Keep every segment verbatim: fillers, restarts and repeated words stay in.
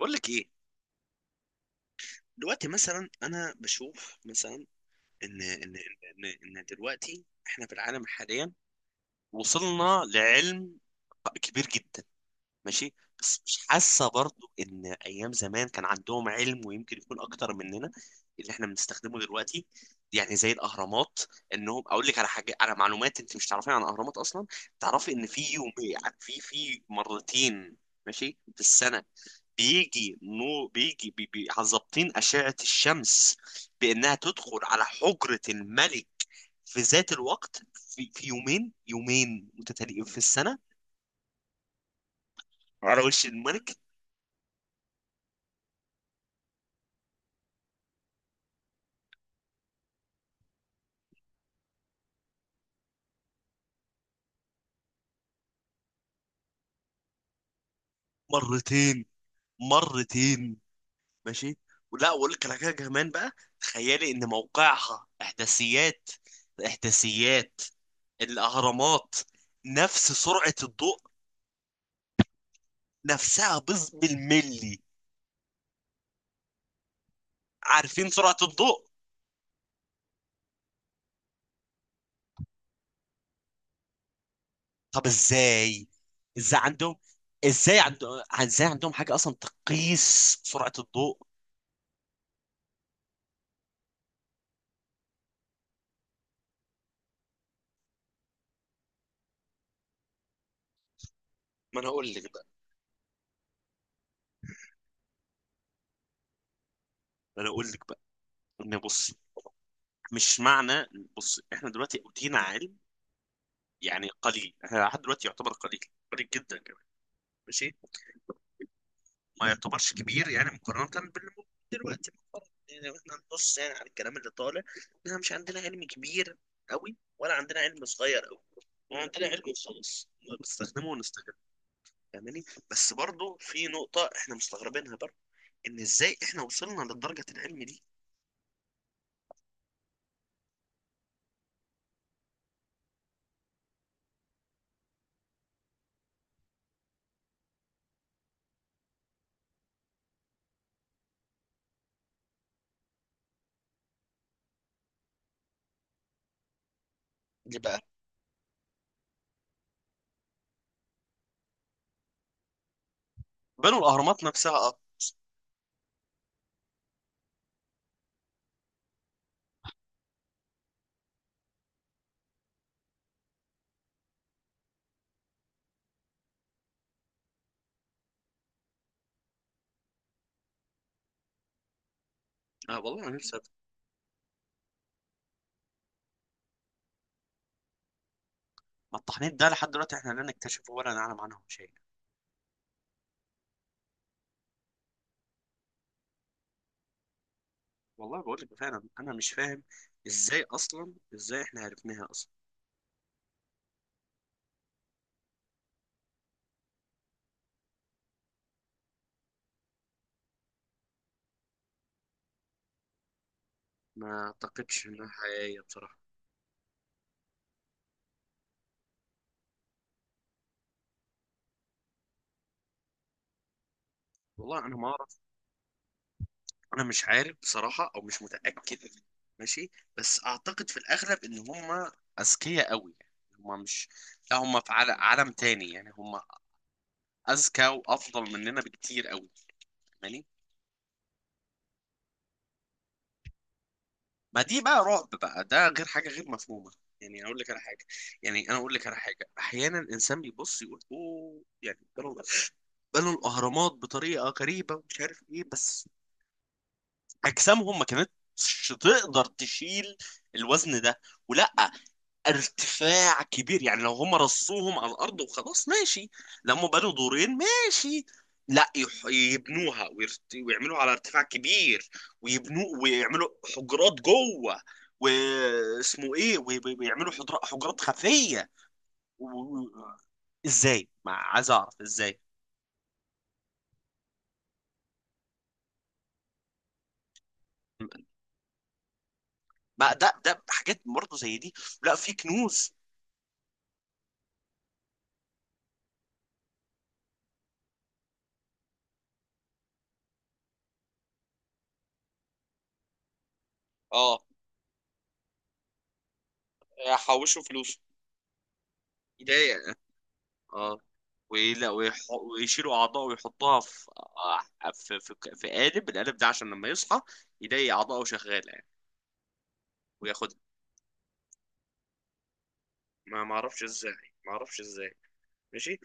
بقول لك ايه؟ دلوقتي مثلا انا بشوف مثلا. ان ان ان ان إن دلوقتي احنا في العالم حاليا وصلنا لعلم كبير جدا. ماشي. بس مش حاسه برضو ان ايام زمان كان عندهم علم ويمكن يكون اكتر مننا اللي احنا بنستخدمه دلوقتي. يعني زي الاهرامات، انهم اقول لك على حاجه، على معلومات انت مش تعرفيها عن الاهرامات اصلا. تعرفي ان في يوم، في في مرتين، ماشي، في السنه، بيجي نو بيجي بي- بي- ظابطين أشعة الشمس بأنها تدخل على حجرة الملك في ذات الوقت، في, في يومين يومين متتاليين في السنة، على وش الملك. مرتين، مرتين، ماشي. ولا وأقول لك على حاجة كمان بقى. تخيلي إن موقعها إحداثيات، إحداثيات الأهرامات نفس سرعة الضوء نفسها، بز- بالملي. عارفين سرعة الضوء. طب ازاي؟ ازاي عندهم ازاي عندهم ازاي عندهم حاجه اصلا تقيس سرعه الضوء؟ ما انا اقول لك بقى ما انا اقول لك بقى ان بص. مش معنى. بص، احنا دلوقتي اوتينا علم، يعني قليل. احنا لحد دلوقتي يعتبر قليل، قليل جدا كمان. ماشي. ما يعتبرش كبير يعني مقارنه باللي موجود دلوقتي. مقارنة يعني لو احنا هنبص يعني على الكلام اللي طالع، احنا مش عندنا علم كبير قوي ولا عندنا علم صغير قوي. عندنا علم خلاص، بنستخدمه ونستخدمه. فاهماني؟ بس برضه في نقطة احنا مستغربينها برضه، ان ازاي احنا وصلنا لدرجة العلم دي. دي بقى، بنوا الاهرامات نفسها، اه. آه، والله انا نفسي أت- ما التحنيط ده لحد دلوقتي احنا لا نكتشفه ولا نعلم عنه شيء. والله بقول لك فعلا انا مش فاهم ازاي اصلا، ازاي احنا عرفناها اصلا. ما اعتقدش انها حقيقية بصراحة. والله انا ما اعرف. انا مش عارف بصراحة، او مش متأكد. ماشي. بس اعتقد في الاغلب ان هم اذكياء قوي يعني. هم مش، لا، هم في عل- عالم تاني، يعني هم اذكى وافضل مننا بكتير قوي. فاهماني؟ ما دي بقى رعب بقى، ده غير حاجه غير مفهومه. يعني اقول لك على حاجه، يعني انا اقول لك على حاجه. احيانا الانسان بيبص يقول اوه، يعني بنوا، بنوا الاهرامات بطريقه غريبه ومش عارف ايه، بس اجسامهم ما كانتش تقدر تشيل الوزن ده، ولا ارتفاع كبير. يعني لو هم رصوهم على الارض وخلاص ماشي. لما بنوا دورين ماشي، لا يح- يبنوها ويرت- ويعملوها على ارتفاع كبير، ويبنوا ويعملوا حجرات جوه، واسمه ايه، وي- وي- ويعملوا حجرا- حجرات خفيه و... و- ازاي؟ ما عايز اعرف ازاي. ما ده ده حاجات برضه زي دي. لا، في كنوز، اه، حوشوا فلوس. ايديا، اه. ولا ويح- ويشيلوا اعضائه ويحطوها في، آه، في في, في قالب. القالب ده عشان لما يصحى يلاقي اعضائه شغاله، يعني وياخدها. ما ما اعرفش ازاي، ما اعرفش ازاي. ماشي.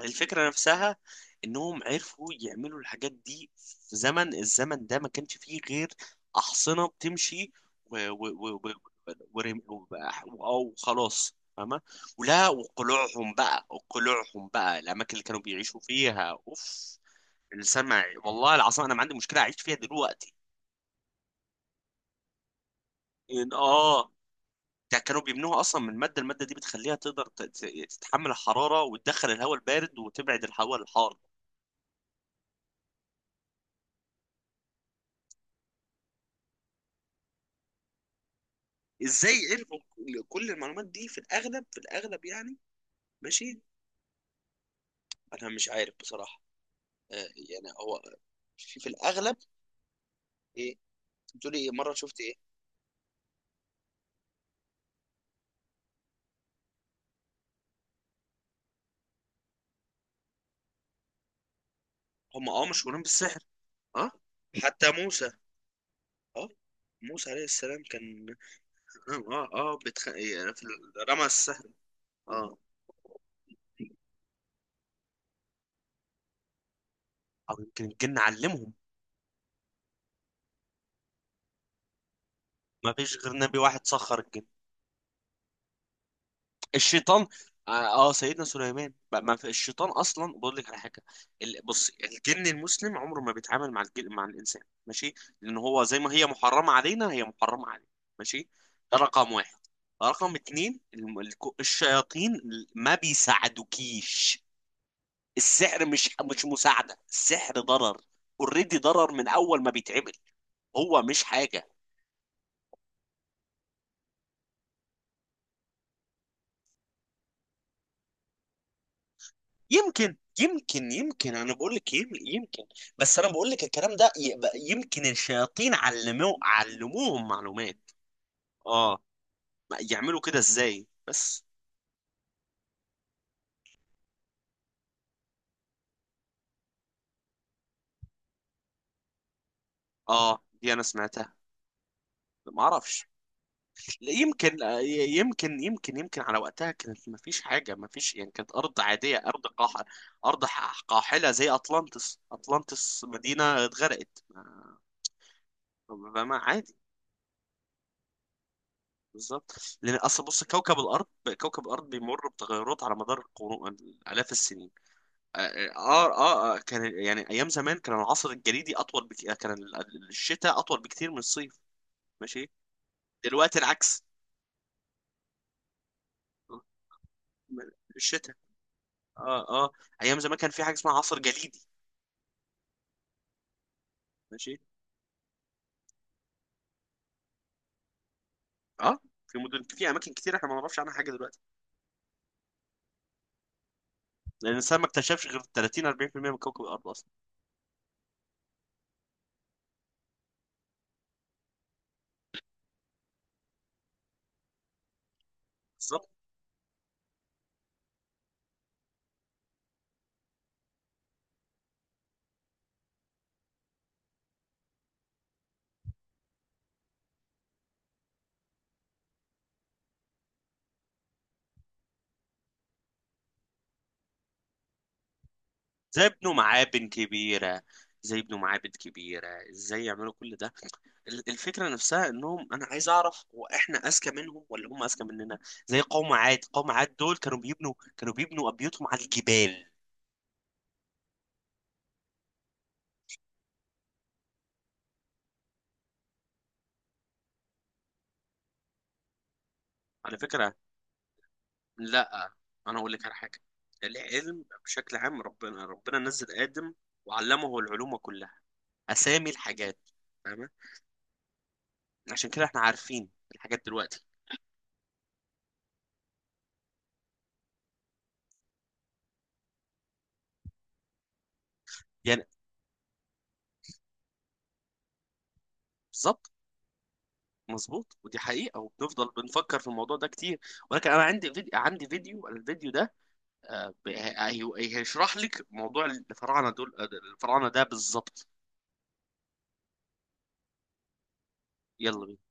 الفكره نفسها، انهم عرفوا يعملوا الحاجات دي في زمن، الزمن ده ما كانش فيه غير احصنه بتمشي و و و و ورم- و- او خلاص، فاهمه. ولا وقلوعهم بقى، وقلوعهم بقى الاماكن اللي كانوا بيعيشوا فيها، اوف، السمعي، والله العظيم انا ما عندي مشكله اعيش فيها دلوقتي. ان اه، ده كانوا بيمنعوا اصلا من ماده، الماده دي بتخليها تقدر ت- ت- تتحمل الحراره وتدخل الهواء البارد وتبعد الهواء الحار. ازاي عرفوا كل المعلومات دي؟ في الاغلب في الاغلب، يعني. ماشي. انا مش عارف بصراحه. آه. يعني هو، في, في الاغلب. ايه؟ بتقولي ايه؟ مره شفت ايه؟ هم اه، مشهورين بالسحر، اه. حتى موسى، اه. موسى عليه السلام كان، اه اه, آه بتخ... إيه، في- رمى السحر، اه. او يمكن الجن علمهم. ما فيش غير نبي واحد سخر الجن، الشيطان، اه. آه، سيدنا سليمان بقى. ما في الشيطان اصلا، بقول لك على حاجه. ال- بص، الجن المسلم عمره ما بيتعامل مع الجن مع الانسان، ماشي. لان هو زي ما هي محرمه علينا، هي محرمه علينا، ماشي. ده رقم واحد. رقم اتنين، الم- الك- الشياطين ما بيساعدوكيش. السحر مش مش مساعده، السحر ضرر. اوريدي ضرر من اول ما بيتعمل. هو مش حاجه. يمكن يمكن يمكن، انا بقول لك يمكن. بس انا بقول لك الكلام ده يبقى يمكن الشياطين علموه علموهم معلومات، اه. ما- يعملوا كده ازاي بس. اه، دي انا سمعتها. ما اعرفش. لا، يمكن، آه، ي- يمكن يمكن يمكن على وقتها كانت ما فيش حاجه، ما فيش يعني، كانت ارض عاديه، ارض قاح ارض ح- قاحله. زي اطلانتس، اطلانتس مدينه اتغرقت، ما، ما- ما- عادي. بالظبط. لان اصلا بص، كوكب الارض كوكب الارض بيمر بتغيرات على مدار قرون، الاف السنين، اه. اه, آه آه، كان يعني ايام زمان كان العصر الجليدي اطول بك... آه، كان ال- الشتاء اطول بكتير من الصيف. ماشي. دلوقتي العكس، الشتاء. اه اه. ايام زمان كان في حاجه اسمها عصر جليدي، ماشي، اه. في مدن في اماكن كتير احنا ما نعرفش عنها حاجه دلوقتي، لان الانسان ما اكتشفش غير تلاتين اربعين في المية من كوكب الارض اصلا. بالظبط. زي ابنوا معابن كبيره زي ابنوا معابد كبيره، ازاي يعملوا كل ده؟ ال- الفكرة نفسها، انهم، انا عايز اعرف هو احنا اذكى منهم ولا هم اذكى مننا. زي قوم عاد قوم عاد دول، كانوا بيبنوا كانوا بيبنوا ابيوتهم على الجبال. على فكرة، لا، انا اقول لك على حاجة، العلم بشكل عام. ربنا، ربنا نزل آدم وعلمه العلوم كلها، اسامي الحاجات. فاهمة؟ عشان كده احنا عارفين الحاجات دلوقتي، يعني. بالظبط. مظبوط، ودي حقيقة، وبنفضل بنفكر في الموضوع ده كتير. ولكن انا عندي فيديو، عندي فيديو الفيديو ده، آه، هيشرح لك موضوع الفراعنه دول، آه، الفراعنه ده بالظبط. يلا بينا.